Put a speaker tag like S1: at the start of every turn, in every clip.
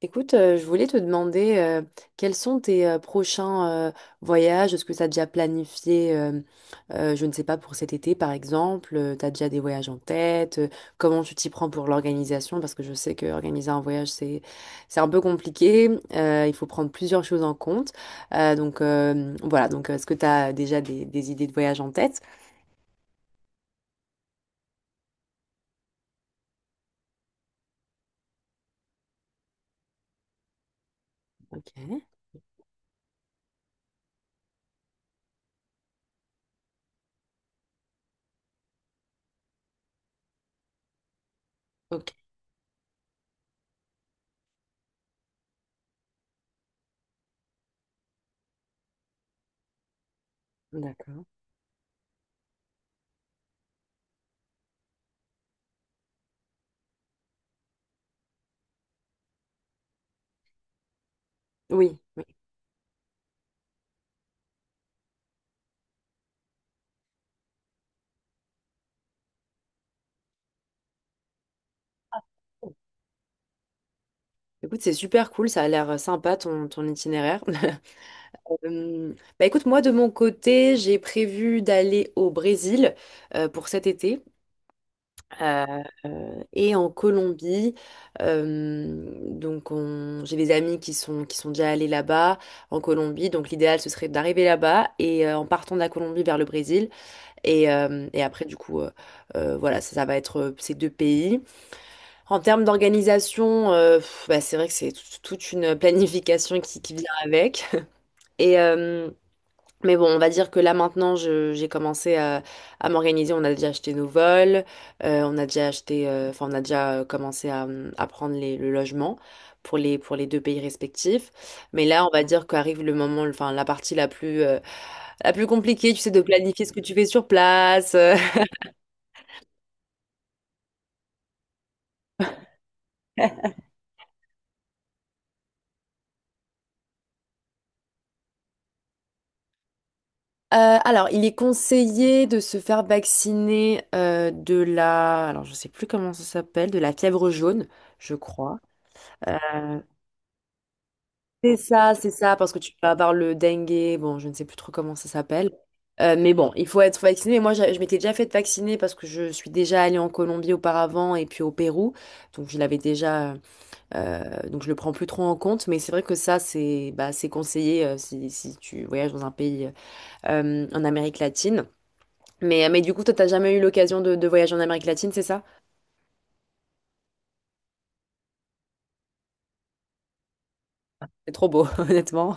S1: Écoute, je voulais te demander quels sont tes prochains voyages. Est-ce que tu as déjà planifié, je ne sais pas, pour cet été par exemple, tu as déjà des voyages en tête? Comment tu t'y prends pour l'organisation? Parce que je sais que organiser un voyage, c'est un peu compliqué. Il faut prendre plusieurs choses en compte. Voilà, donc est-ce que tu as déjà des idées de voyage en tête? Ok, ok, d'accord. Oui, oui. Écoute, c'est super cool, ça a l'air sympa ton itinéraire. Bah écoute, moi de mon côté, j'ai prévu d'aller au Brésil pour cet été euh, et en Colombie. J'ai des amis qui sont déjà allés là-bas en Colombie. Donc l'idéal, ce serait d'arriver là-bas et en partant de la Colombie vers le Brésil. Et après, du coup, voilà, ça va être ces deux pays. En termes d'organisation, pff, bah, c'est vrai que c'est toute une planification qui vient avec. Et, euh, mais bon, on va dire que là maintenant, j'ai commencé à m'organiser. On a déjà acheté nos vols, on a déjà acheté, enfin, on a déjà commencé à prendre le logement pour pour les deux pays respectifs. Mais là, on va dire qu'arrive le moment, enfin, la partie la plus compliquée, tu sais, de planifier ce que tu fais sur place. Euh, Euh, alors, il est conseillé de se faire vacciner alors je sais plus comment ça s'appelle, de la fièvre jaune, je crois. Euh, C'est ça, c'est ça, parce que tu peux avoir le dengue, bon, je ne sais plus trop comment ça s'appelle. Mais bon, il faut être vacciné. Et moi, je m'étais déjà fait vacciner parce que je suis déjà allée en Colombie auparavant et puis au Pérou. Donc, je l'avais déjà. Donc, je le prends plus trop en compte. Mais c'est vrai que ça, c'est bah, c'est conseillé si tu voyages dans un pays en Amérique latine. Mais du coup, toi, t'as jamais eu l'occasion de voyager en Amérique latine, c'est ça? C'est trop beau, honnêtement.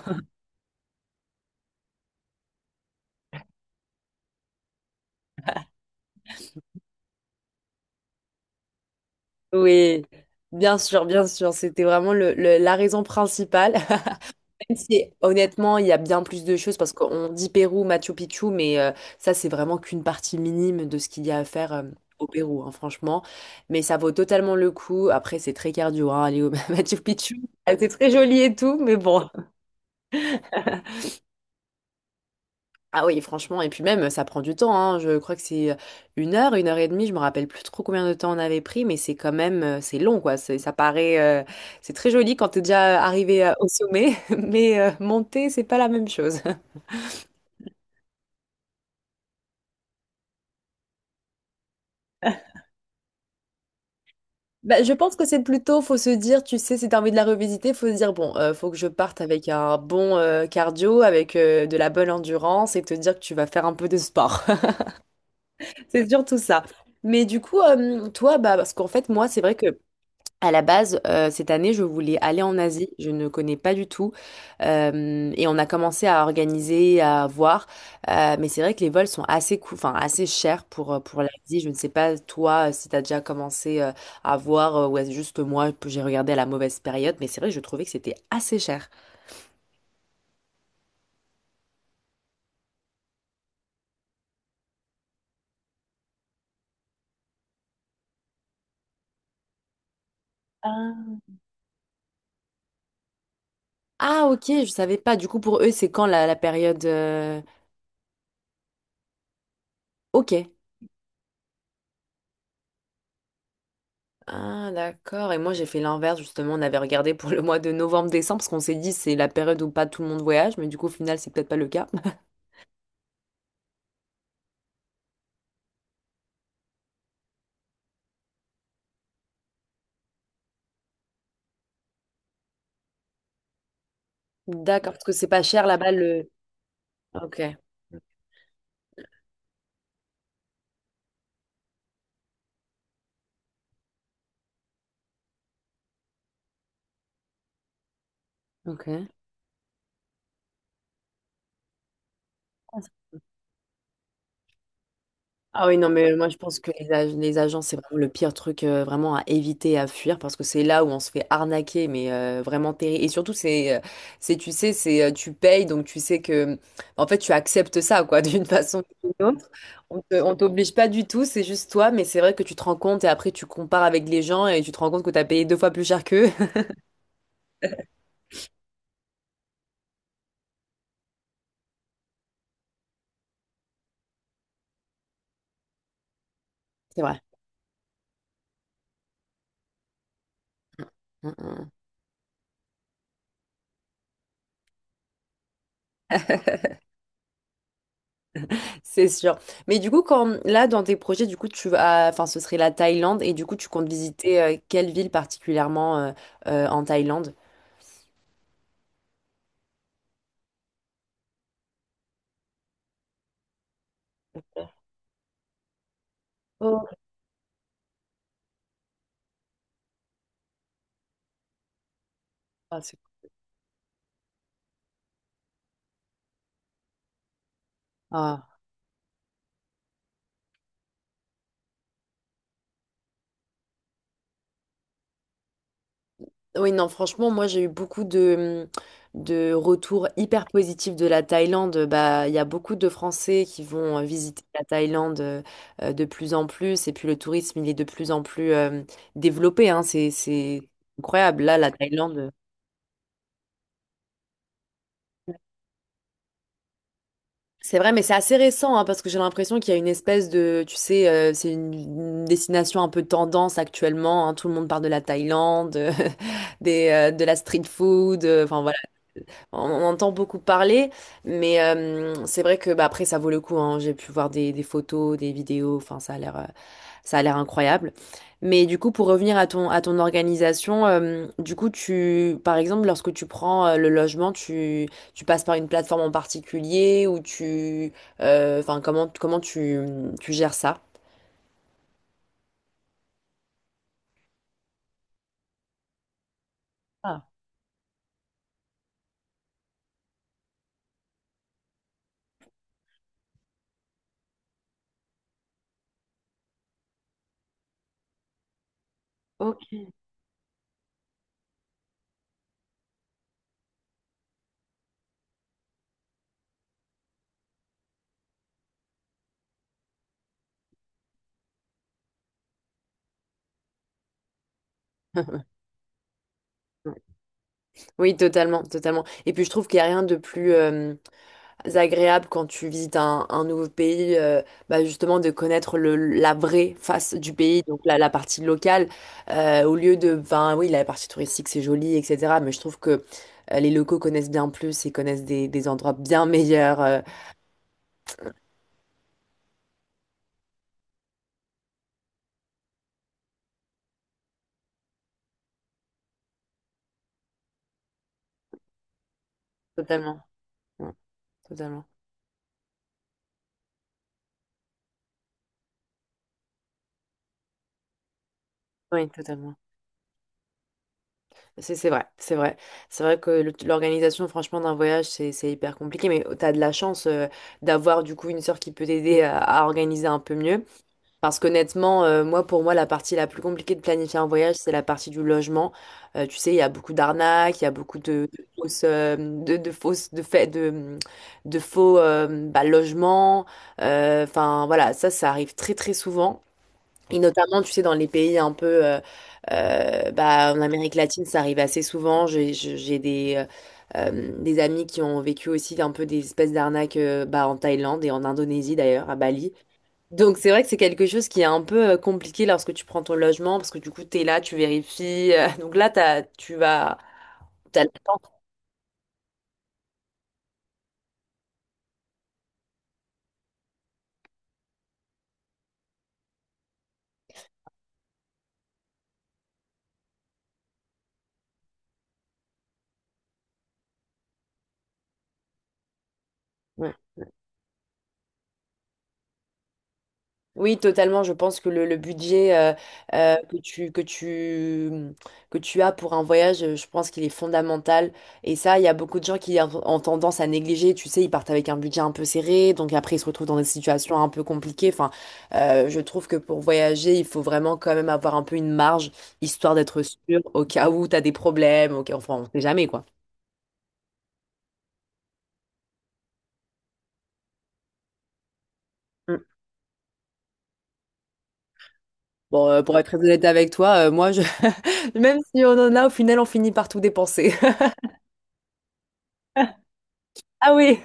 S1: Oui, bien sûr, bien sûr. C'était vraiment la raison principale. C'est- Honnêtement, il y a bien plus de choses parce qu'on dit Pérou, Machu Picchu, mais ça, c'est vraiment qu'une partie minime de ce qu'il y a à faire au Pérou, hein, franchement. Mais ça vaut totalement le coup. Après, c'est très cardio, hein, aller au Machu Picchu. Ah, c'est très joli et tout, mais bon. Ah oui, franchement, et puis même, ça prend du temps, hein. Je crois que c'est une heure et demie, je me rappelle plus trop combien de temps on avait pris, mais c'est quand même, c'est long, quoi. C'est- Ça paraît, c'est très joli quand t'es déjà arrivé au sommet, mais monter, c'est pas la même chose. Bah, je pense que c'est plutôt, faut se dire, tu sais, si t'as envie de la revisiter, faut se dire, bon, faut que je parte avec un bon cardio, avec de la bonne endurance et te dire que tu vas faire un peu de sport. C'est surtout ça. Mais du coup, toi, bah, parce qu'en fait, moi, c'est vrai que à la base, cette année, je voulais aller en Asie. Je ne connais pas du tout. Et on a commencé à organiser, à voir. Mais c'est vrai que les vols sont assez coûts, enfin, assez chers pour l'Asie. Je ne sais pas, toi, si tu as déjà commencé à voir, ou est-ce juste que moi, que j'ai regardé à la mauvaise période. Mais c'est vrai que je trouvais que c'était assez cher. Ah. Ah, ok, je savais pas. Du coup, pour eux, c'est quand la période... Ok. Ah, d'accord. Et moi, j'ai fait l'inverse, justement. On avait regardé pour le mois de novembre-décembre, parce qu'on s'est dit c'est la période où pas tout le monde voyage, mais du coup, au final, c'est peut-être pas le cas. D'accord, parce que c'est pas cher là-bas le. Ok, ok. Ah oui, non, mais moi je pense que les agents, c'est vraiment le pire truc vraiment à éviter, à fuir, parce que c'est là où on se fait arnaquer, mais vraiment terrible. Et surtout, tu sais, tu payes, donc tu sais que, en fait, tu acceptes ça, quoi, d'une façon ou d'une autre. On t'oblige pas du tout, c'est juste toi, mais c'est vrai que tu te rends compte et après tu compares avec les gens et tu te rends compte que tu as payé deux fois plus cher qu'eux. C'est vrai. Mm, mm, mm. C'est sûr. Mais du coup, quand là, dans tes projets, du coup, tu vas, enfin, ce serait la Thaïlande et du coup, tu comptes visiter quelle ville particulièrement en Thaïlande? Oh. Ah, c'est- Ah. Oui, non, franchement, moi, j'ai eu beaucoup de retours hyper positifs de la Thaïlande. Bah, il y a beaucoup de Français qui vont visiter la Thaïlande de plus en plus et puis le tourisme, il est de plus en plus développé, hein. C'est incroyable. Là, la Thaïlande. C'est vrai, mais c'est assez récent, hein, parce que j'ai l'impression qu'il y a une espèce de, tu sais, c'est une destination un peu tendance actuellement, hein. Tout le monde parle de la Thaïlande, de la street food. Enfin voilà. On entend beaucoup parler, mais c'est vrai que bah, après ça vaut le coup, hein. J'ai pu voir des photos, des vidéos. Enfin, ça a l'air incroyable. Mais du coup, pour revenir à ton organisation, du coup, tu, par exemple, lorsque tu prends le logement, tu passes par une plateforme en particulier ou tu, enfin comment tu gères ça? Ah, ok. Oui, totalement, totalement. Et puis je trouve qu'il n'y a rien de plus, agréable quand tu visites un nouveau pays, bah, justement de connaître la vraie face du pays, donc la partie locale, au lieu de, ben oui, la partie touristique c'est joli, etc. Mais je trouve que les locaux connaissent bien plus et connaissent des endroits bien meilleurs. Totalement. Ouais, totalement. Oui, totalement. C'est vrai, c'est vrai. C'est vrai que l'organisation, franchement, d'un voyage, c'est hyper compliqué, mais tu as de la chance d'avoir du coup une sœur qui peut t'aider à organiser un peu mieux. Parce qu'honnêtement, moi, pour moi, la partie la plus compliquée de planifier un voyage, c'est la partie du logement. Tu sais, il y a beaucoup d'arnaques, il y a beaucoup de, de fausses, de faux bah, logements. Enfin, voilà, ça arrive très, très souvent. Et notamment, tu sais, dans les pays un peu, bah, en Amérique latine, ça arrive assez souvent. J'ai des amis qui ont vécu aussi un peu des espèces d'arnaques, bah, en Thaïlande et en Indonésie d'ailleurs, à Bali. Donc c'est vrai que c'est quelque chose qui est un peu compliqué lorsque tu prends ton logement parce que du coup t'es là, tu vérifies. Donc là t'as, tu vas, t'as le temps. Oui, totalement. Je pense que le budget que tu, mmh, que tu as pour un voyage, je pense qu'il est fondamental. Et ça, il y a beaucoup de gens qui ont tendance à négliger. Tu sais, ils partent avec un budget un peu serré, donc après, ils se retrouvent dans des situations un peu compliquées. Enfin, je trouve que pour voyager, il faut vraiment quand même avoir un peu une marge, histoire d'être sûr au cas où tu as des problèmes. Enfin, on sait jamais, quoi. Mm. Bon, pour être très honnête avec toi, moi, je... même si on en a, au final, on finit par tout dépenser. Ah oui!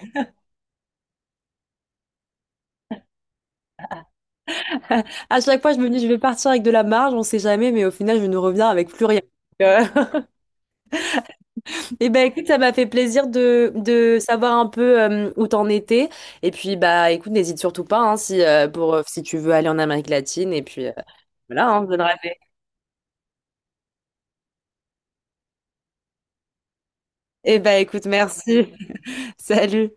S1: À chaque fois, je me dis, je vais partir avec de la marge, on sait jamais, mais au final, je ne reviens avec plus rien. Euh, eh ben écoute, ça m'a fait plaisir de savoir un peu où t'en étais. Et puis bah écoute, n'hésite surtout pas hein, si pour si tu veux aller en Amérique latine. Et puis voilà, hein, je donnerai. Eh ben écoute, merci. Salut.